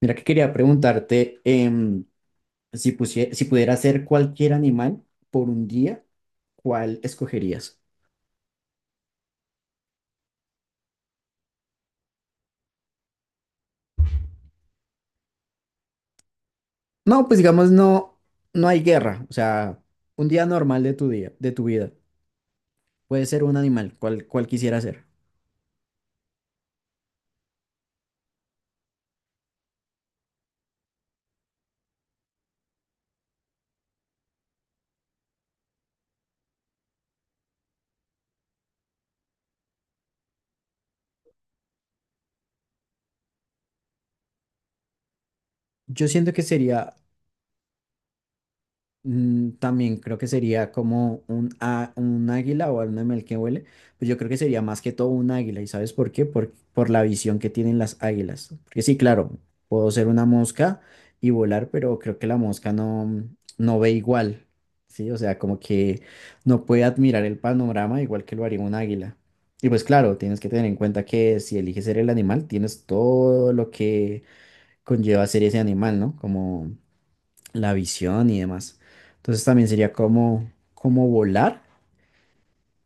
Mira que quería preguntarte si pudiera ser cualquier animal por un día, ¿cuál escogerías? No, pues digamos no, no hay guerra, o sea, un día normal de tu día, de tu vida. Puede ser un animal, ¿cuál quisiera ser? Yo siento que sería... Mm, también creo que sería como un águila o un animal que huele, pues yo creo que sería más que todo un águila, ¿y sabes por qué? Por la visión que tienen las águilas. Porque sí, claro, puedo ser una mosca y volar, pero creo que la mosca no, no ve igual, ¿sí? O sea, como que no puede admirar el panorama igual que lo haría un águila. Y pues claro, tienes que tener en cuenta que si eliges ser el animal, tienes todo lo que conlleva ser ese animal, ¿no? Como la visión y demás. Entonces también sería como, como volar,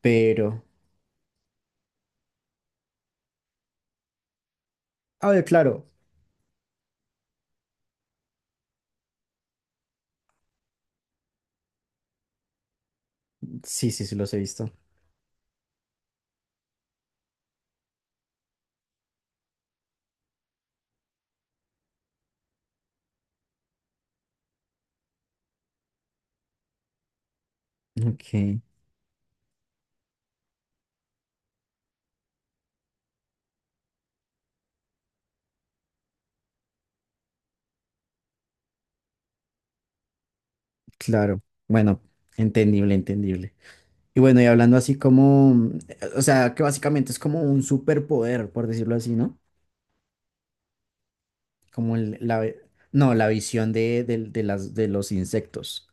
pero... A ver, claro. Sí, sí, sí, los he visto. Ok, claro. Bueno, entendible, entendible. Y bueno, y hablando así como, o sea, que básicamente es como un superpoder, por decirlo así, ¿no? Como el- la, ve- No, la visión de las, de los insectos.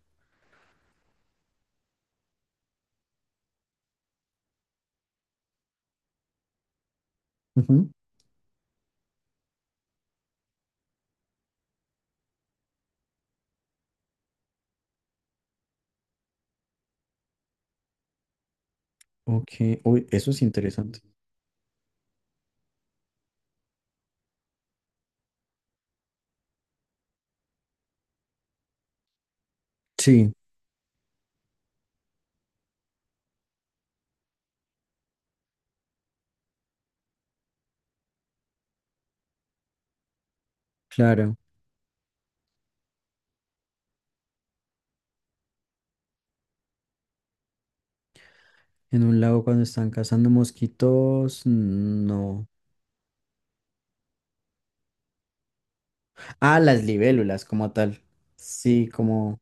Ujú. Ok, uy, eso es interesante. Sí, claro. En un lago cuando están cazando mosquitos, no. Ah, las libélulas como tal. Sí, como...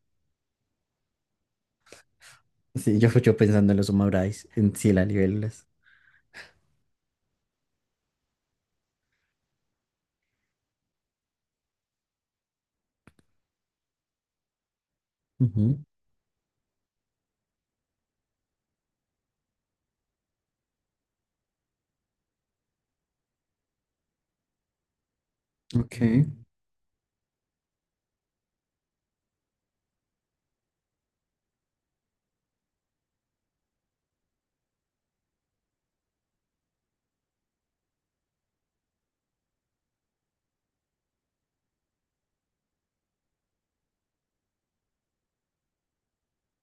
Sí, yo pensando en los Humabrais, en sí, las libélulas. Ujú. Ok,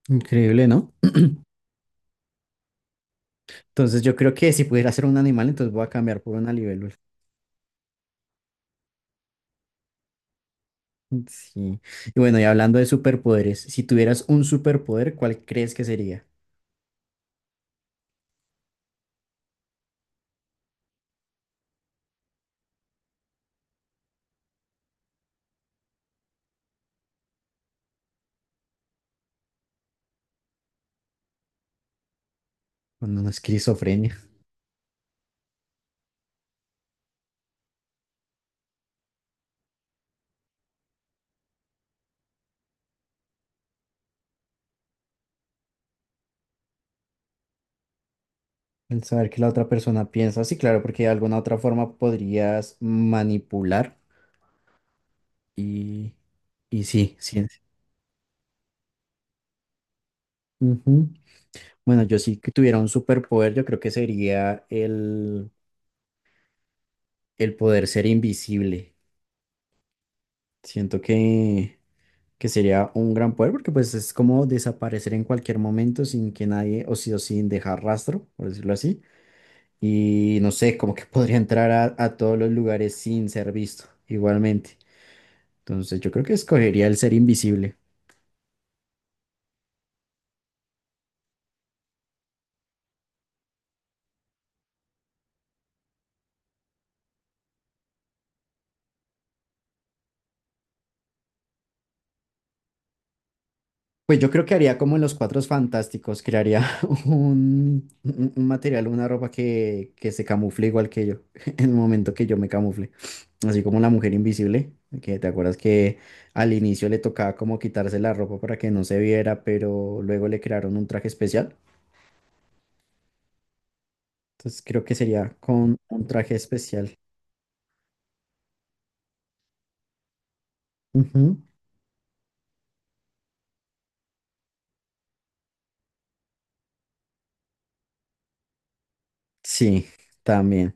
increíble, ¿no? Entonces yo creo que si pudiera ser un animal, entonces voy a cambiar por una libélula. Sí. Y bueno, y hablando de superpoderes, si tuvieras un superpoder, ¿cuál crees que sería? Cuando no es esquizofrenia. El saber que la otra persona piensa, sí, claro, porque de alguna otra forma podrías manipular y, y sí, sí. Bueno, yo sí que tuviera un superpoder, yo creo que sería el poder ser invisible. Siento que sería un gran poder porque pues es como desaparecer en cualquier momento sin que nadie, o sí o sin dejar rastro, por decirlo así. Y no sé, como que podría entrar a todos los lugares sin ser visto, igualmente. Entonces yo creo que escogería el ser invisible. Pues yo creo que haría como en los Cuatro Fantásticos, crearía un material, una ropa que se camufle igual que yo, en el momento que yo me camufle. Así como la mujer invisible, que te acuerdas que al inicio le tocaba como quitarse la ropa para que no se viera, pero luego le crearon un traje especial. Entonces creo que sería con un traje especial. Ujú. Sí, también.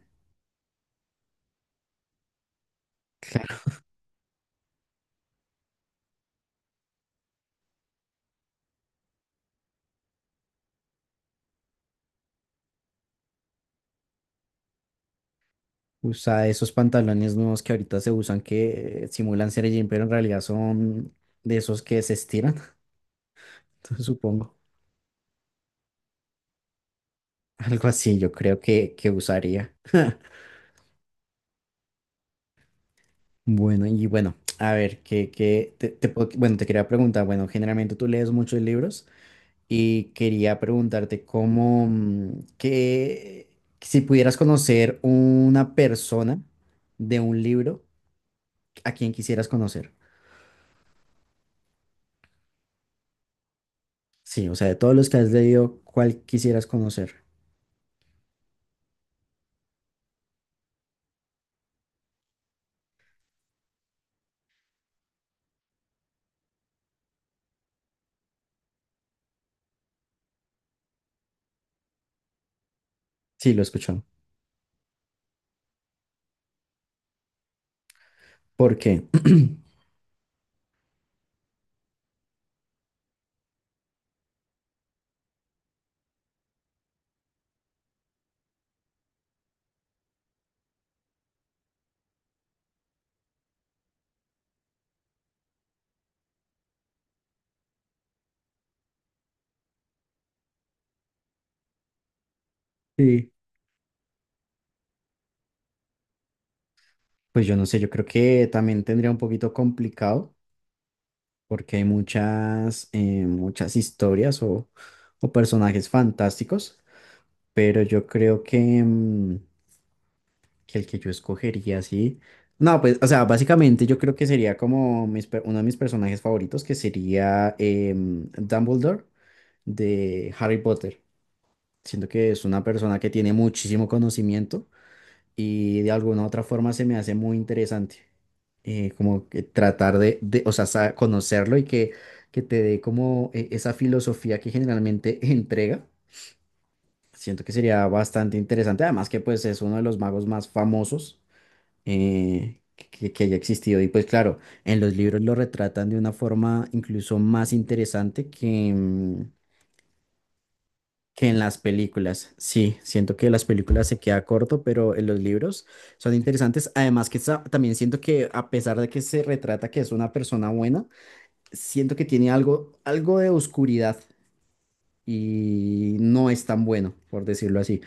Usa esos pantalones nuevos que ahorita se usan que simulan ser jean, pero en realidad son de esos que se estiran, entonces supongo. Algo así yo creo que usaría. Bueno, y bueno, a ver, que, te puedo... Bueno, te quería preguntar, bueno, generalmente tú lees muchos libros y quería preguntarte cómo, que si pudieras conocer una persona de un libro, ¿a quién quisieras conocer? Sí, o sea, de todos los que has leído, ¿cuál quisieras conocer? Sí, lo escucho. ¿Por qué? Sí. Pues yo no sé, yo creo que también tendría un poquito complicado porque hay muchas, muchas historias o personajes fantásticos, pero yo creo que, mm, que el que yo escogería, sí. No, pues, o sea, básicamente yo creo que sería como uno de mis personajes favoritos, que sería Dumbledore de Harry Potter. Siento que es una persona que tiene muchísimo conocimiento y de alguna u otra forma se me hace muy interesante. Como que tratar de, o sea, conocerlo y que te dé como esa filosofía que generalmente entrega. Siento que sería bastante interesante, además que pues es uno de los magos más famosos que haya existido. Y pues claro, en los libros lo retratan de una forma incluso más interesante que que en las películas. Sí, siento que las películas se queda corto, pero en los libros son interesantes. Además que también siento que a pesar de que se retrata que es una persona buena, siento que tiene algo, algo de oscuridad y no es tan bueno, por decirlo así.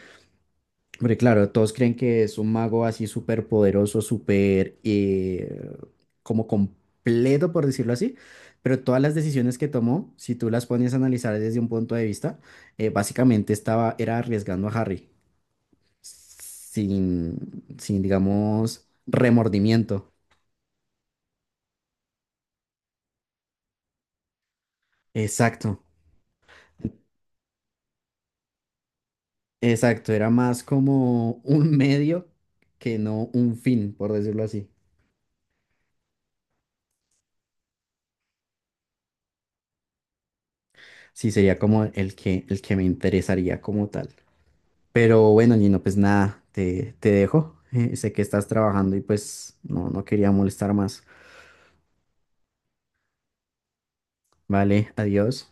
Hombre, claro, todos creen que es un mago así súper poderoso, súper como completo, por decirlo así, pero todas las decisiones que tomó, si tú las pones a analizar desde un punto de vista, básicamente estaba, era arriesgando a Harry, sin, sin, digamos, remordimiento. Exacto, exacto, era más como un medio que no un fin, por decirlo así. Sí, sería como el que me interesaría como tal. Pero bueno, Gino, pues nada, te dejo. Sé que estás trabajando y pues no, no quería molestar más. Vale, adiós.